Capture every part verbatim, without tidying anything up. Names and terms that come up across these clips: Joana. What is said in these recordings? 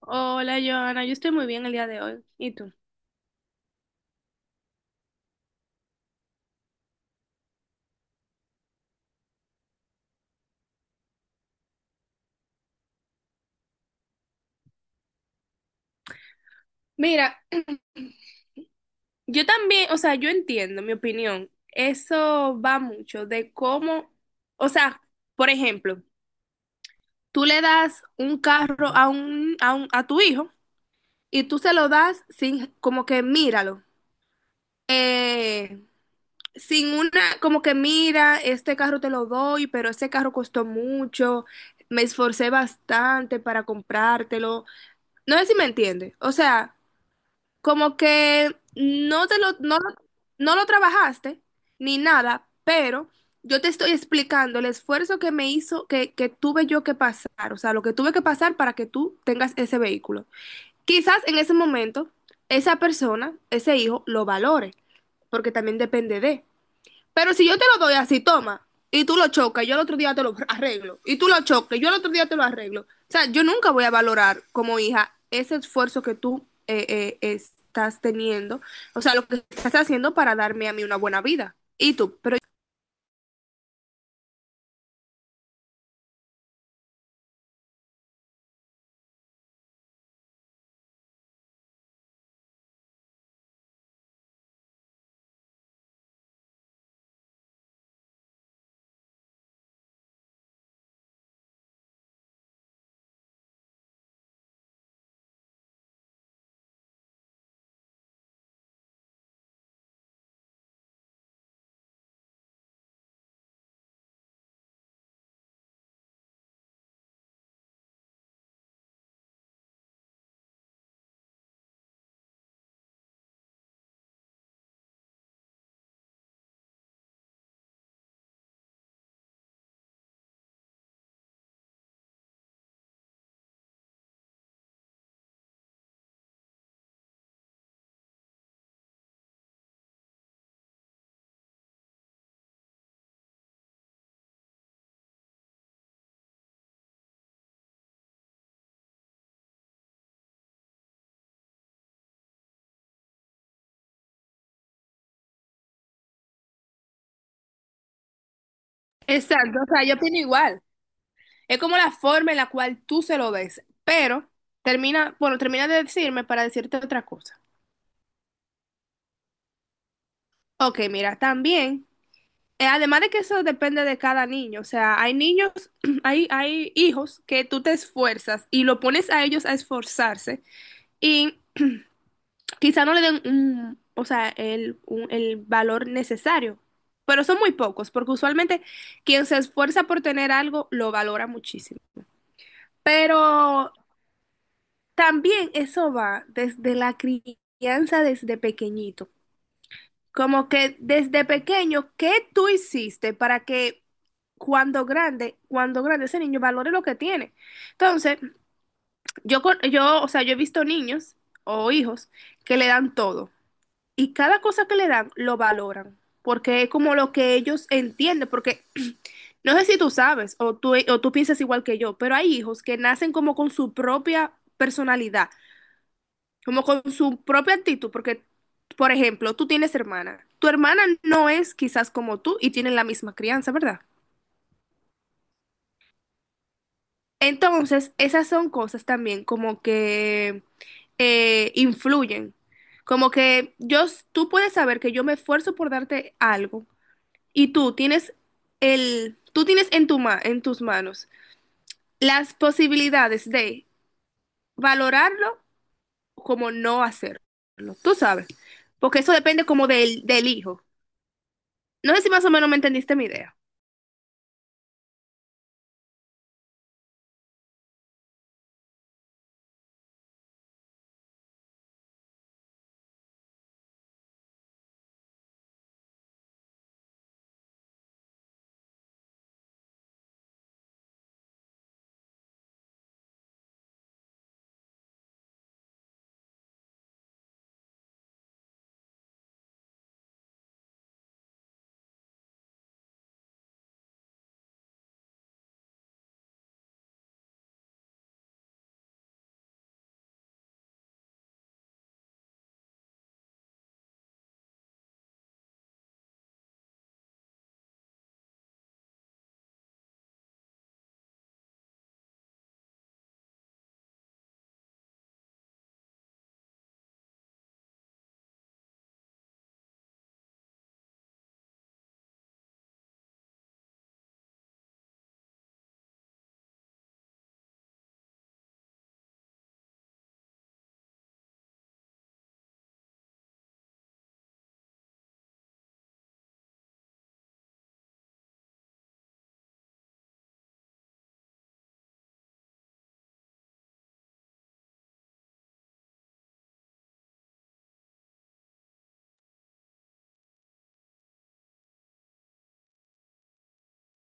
Hola, Joana, yo estoy muy bien el día de hoy. ¿Y tú? Mira, yo también, o sea, yo entiendo, mi opinión, eso va mucho de cómo, o sea, por ejemplo, tú le das un carro a un, a un- a tu hijo y tú se lo das sin, como que míralo, eh, sin una, como que mira, este carro te lo doy, pero este carro costó mucho, me esforcé bastante para comprártelo. No sé si me entiende, o sea. Como que no te lo, no lo, no lo trabajaste ni nada, pero yo te estoy explicando el esfuerzo que me hizo, que, que tuve yo que pasar, o sea, lo que tuve que pasar para que tú tengas ese vehículo. Quizás en ese momento esa persona, ese hijo, lo valore, porque también depende de. Pero si yo te lo doy así, toma, y tú lo chocas, yo al otro día te lo arreglo, y tú lo chocas, yo al otro día te lo arreglo. O sea, yo nunca voy a valorar como hija ese esfuerzo que tú eh, eh, estás teniendo, o sea, lo que estás haciendo para darme a mí una buena vida. Y tú, pero exacto, o sea, yo opino igual. Es como la forma en la cual tú se lo ves, pero termina, bueno, termina de decirme para decirte otra cosa. Ok, mira, también. Eh, Además de que eso depende de cada niño, o sea, hay niños, hay, hay hijos que tú te esfuerzas y lo pones a ellos a esforzarse y quizá no le den un, o sea, el, un- el valor necesario, pero son muy pocos, porque usualmente quien se esfuerza por tener algo lo valora muchísimo. Pero también eso va desde la crianza, desde pequeñito. Como que desde pequeño, ¿qué tú hiciste para que cuando grande, cuando grande ese niño valore lo que tiene? Entonces, yo, con- yo, o sea, yo he visto niños o hijos que le dan todo y cada cosa que le dan lo valoran porque es como lo que ellos entienden, porque no sé si tú sabes o tú, o tú piensas igual que yo, pero hay hijos que nacen como con su propia personalidad como con su propia actitud, porque, por ejemplo, tú tienes hermana, tu hermana no es quizás como tú y tienen la misma crianza, ¿verdad? Entonces, esas son cosas también como que eh, influyen, como que yo, s- tú puedes saber que yo me esfuerzo por darte algo y tú tienes el, tú tienes en tu ma- en tus manos las posibilidades de valorarlo como no hacerlo, tú sabes, porque eso depende como del, del hijo. No sé si más o menos me entendiste mi idea.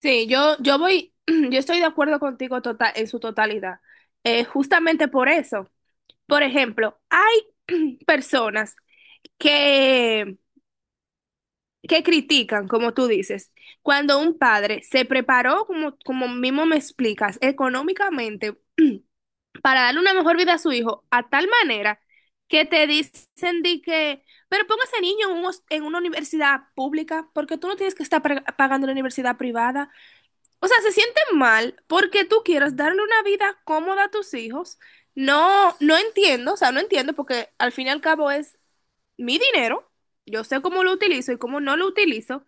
Sí, yo, yo voy, yo estoy de acuerdo contigo total, en su totalidad. Eh, justamente por eso. Por ejemplo, hay personas que, que critican, como tú dices, cuando un padre se preparó, como, como mismo me explicas, económicamente para darle una mejor vida a su hijo, a tal manera que te dicen de que, pero ponga a ese niño en, un hos- en una universidad pública, porque tú no tienes que estar pre- pagando la universidad privada. O sea, se siente mal porque tú quieres darle una vida cómoda a tus hijos. No, no entiendo, o sea, no entiendo porque al fin y al cabo es mi dinero. Yo sé cómo lo utilizo y cómo no lo utilizo.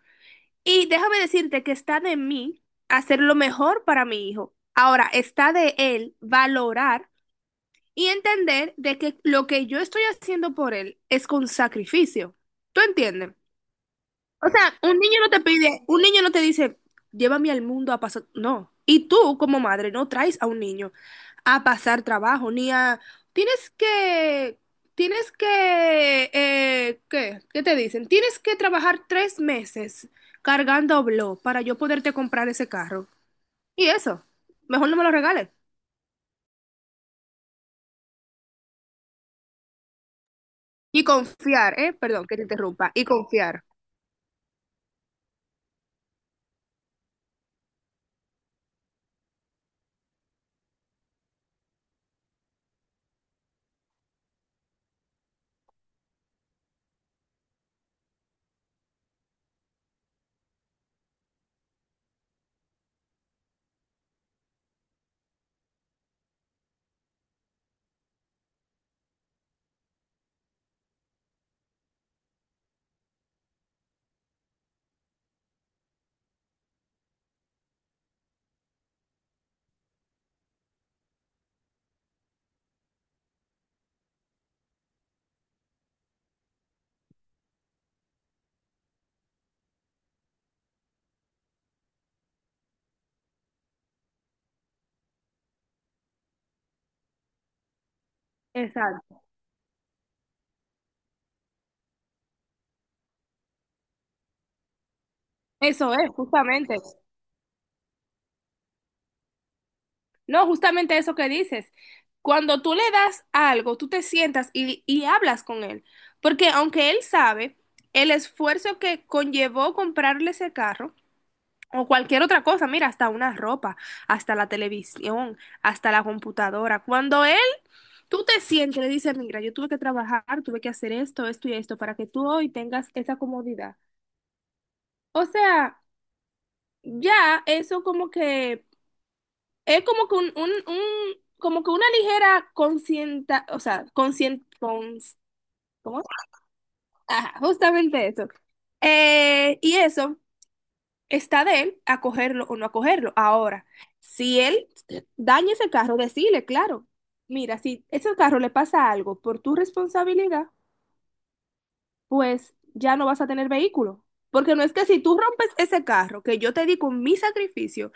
Y déjame decirte que está de mí hacer lo mejor para mi hijo. Ahora, está de él valorar y entender de que lo que yo estoy haciendo por él es con sacrificio. ¿Tú entiendes? O sea, un niño no te pide, un niño no te dice, llévame al mundo a pasar, no. Y tú como madre no traes a un niño a pasar trabajo, ni a, tienes que, tienes que, eh, ¿qué? ¿Qué te dicen? Tienes que trabajar tres meses cargando blog para yo poderte comprar ese carro. Y eso, mejor no me lo regales. Y confiar, ¿eh? Perdón, que te interrumpa. Y confiar. Exacto. Eso es, justamente. No, justamente eso que dices. Cuando tú le das algo, tú te sientas y, y hablas con él. Porque aunque él sabe el esfuerzo que conllevó comprarle ese carro o cualquier otra cosa, mira, hasta una ropa, hasta la televisión, hasta la computadora. Cuando él, tú te sientes, y le dices, mira, yo tuve que trabajar, tuve que hacer esto, esto y esto, para que tú hoy tengas esa comodidad. O sea, ya eso como que es como que un, un, un como que una ligera conscienta, o sea, conscien, cons- ¿cómo? Ajá, justamente eso. Eh, y eso está de él acogerlo o no acogerlo. Ahora, si él daña ese carro, decirle, claro, mira, si ese carro le pasa algo por tu responsabilidad, pues ya no vas a tener vehículo. Porque no es que si tú rompes ese carro que yo te di con mi sacrificio,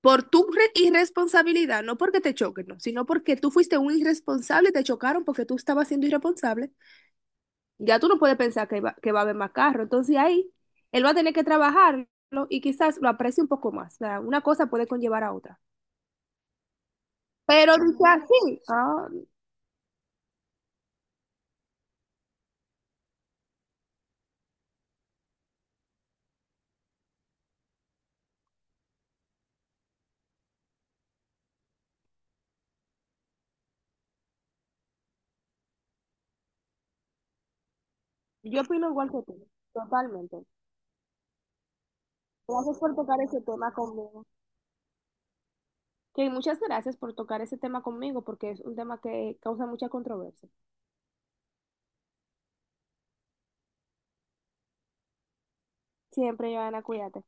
por tu re- irresponsabilidad, no porque te choquen, no, sino porque tú fuiste un irresponsable, te chocaron porque tú estabas siendo irresponsable, ya tú no puedes pensar que va, que va a haber más carro. Entonces ahí él va a tener que trabajarlo y quizás lo aprecie un poco más. O sea, una cosa puede conllevar a otra. Pero dice así, ah, yo opino igual que tú, totalmente. Gracias por tocar ese tema conmigo. Que muchas gracias por tocar ese tema conmigo porque es un tema que causa mucha controversia. Siempre, Joana, cuídate.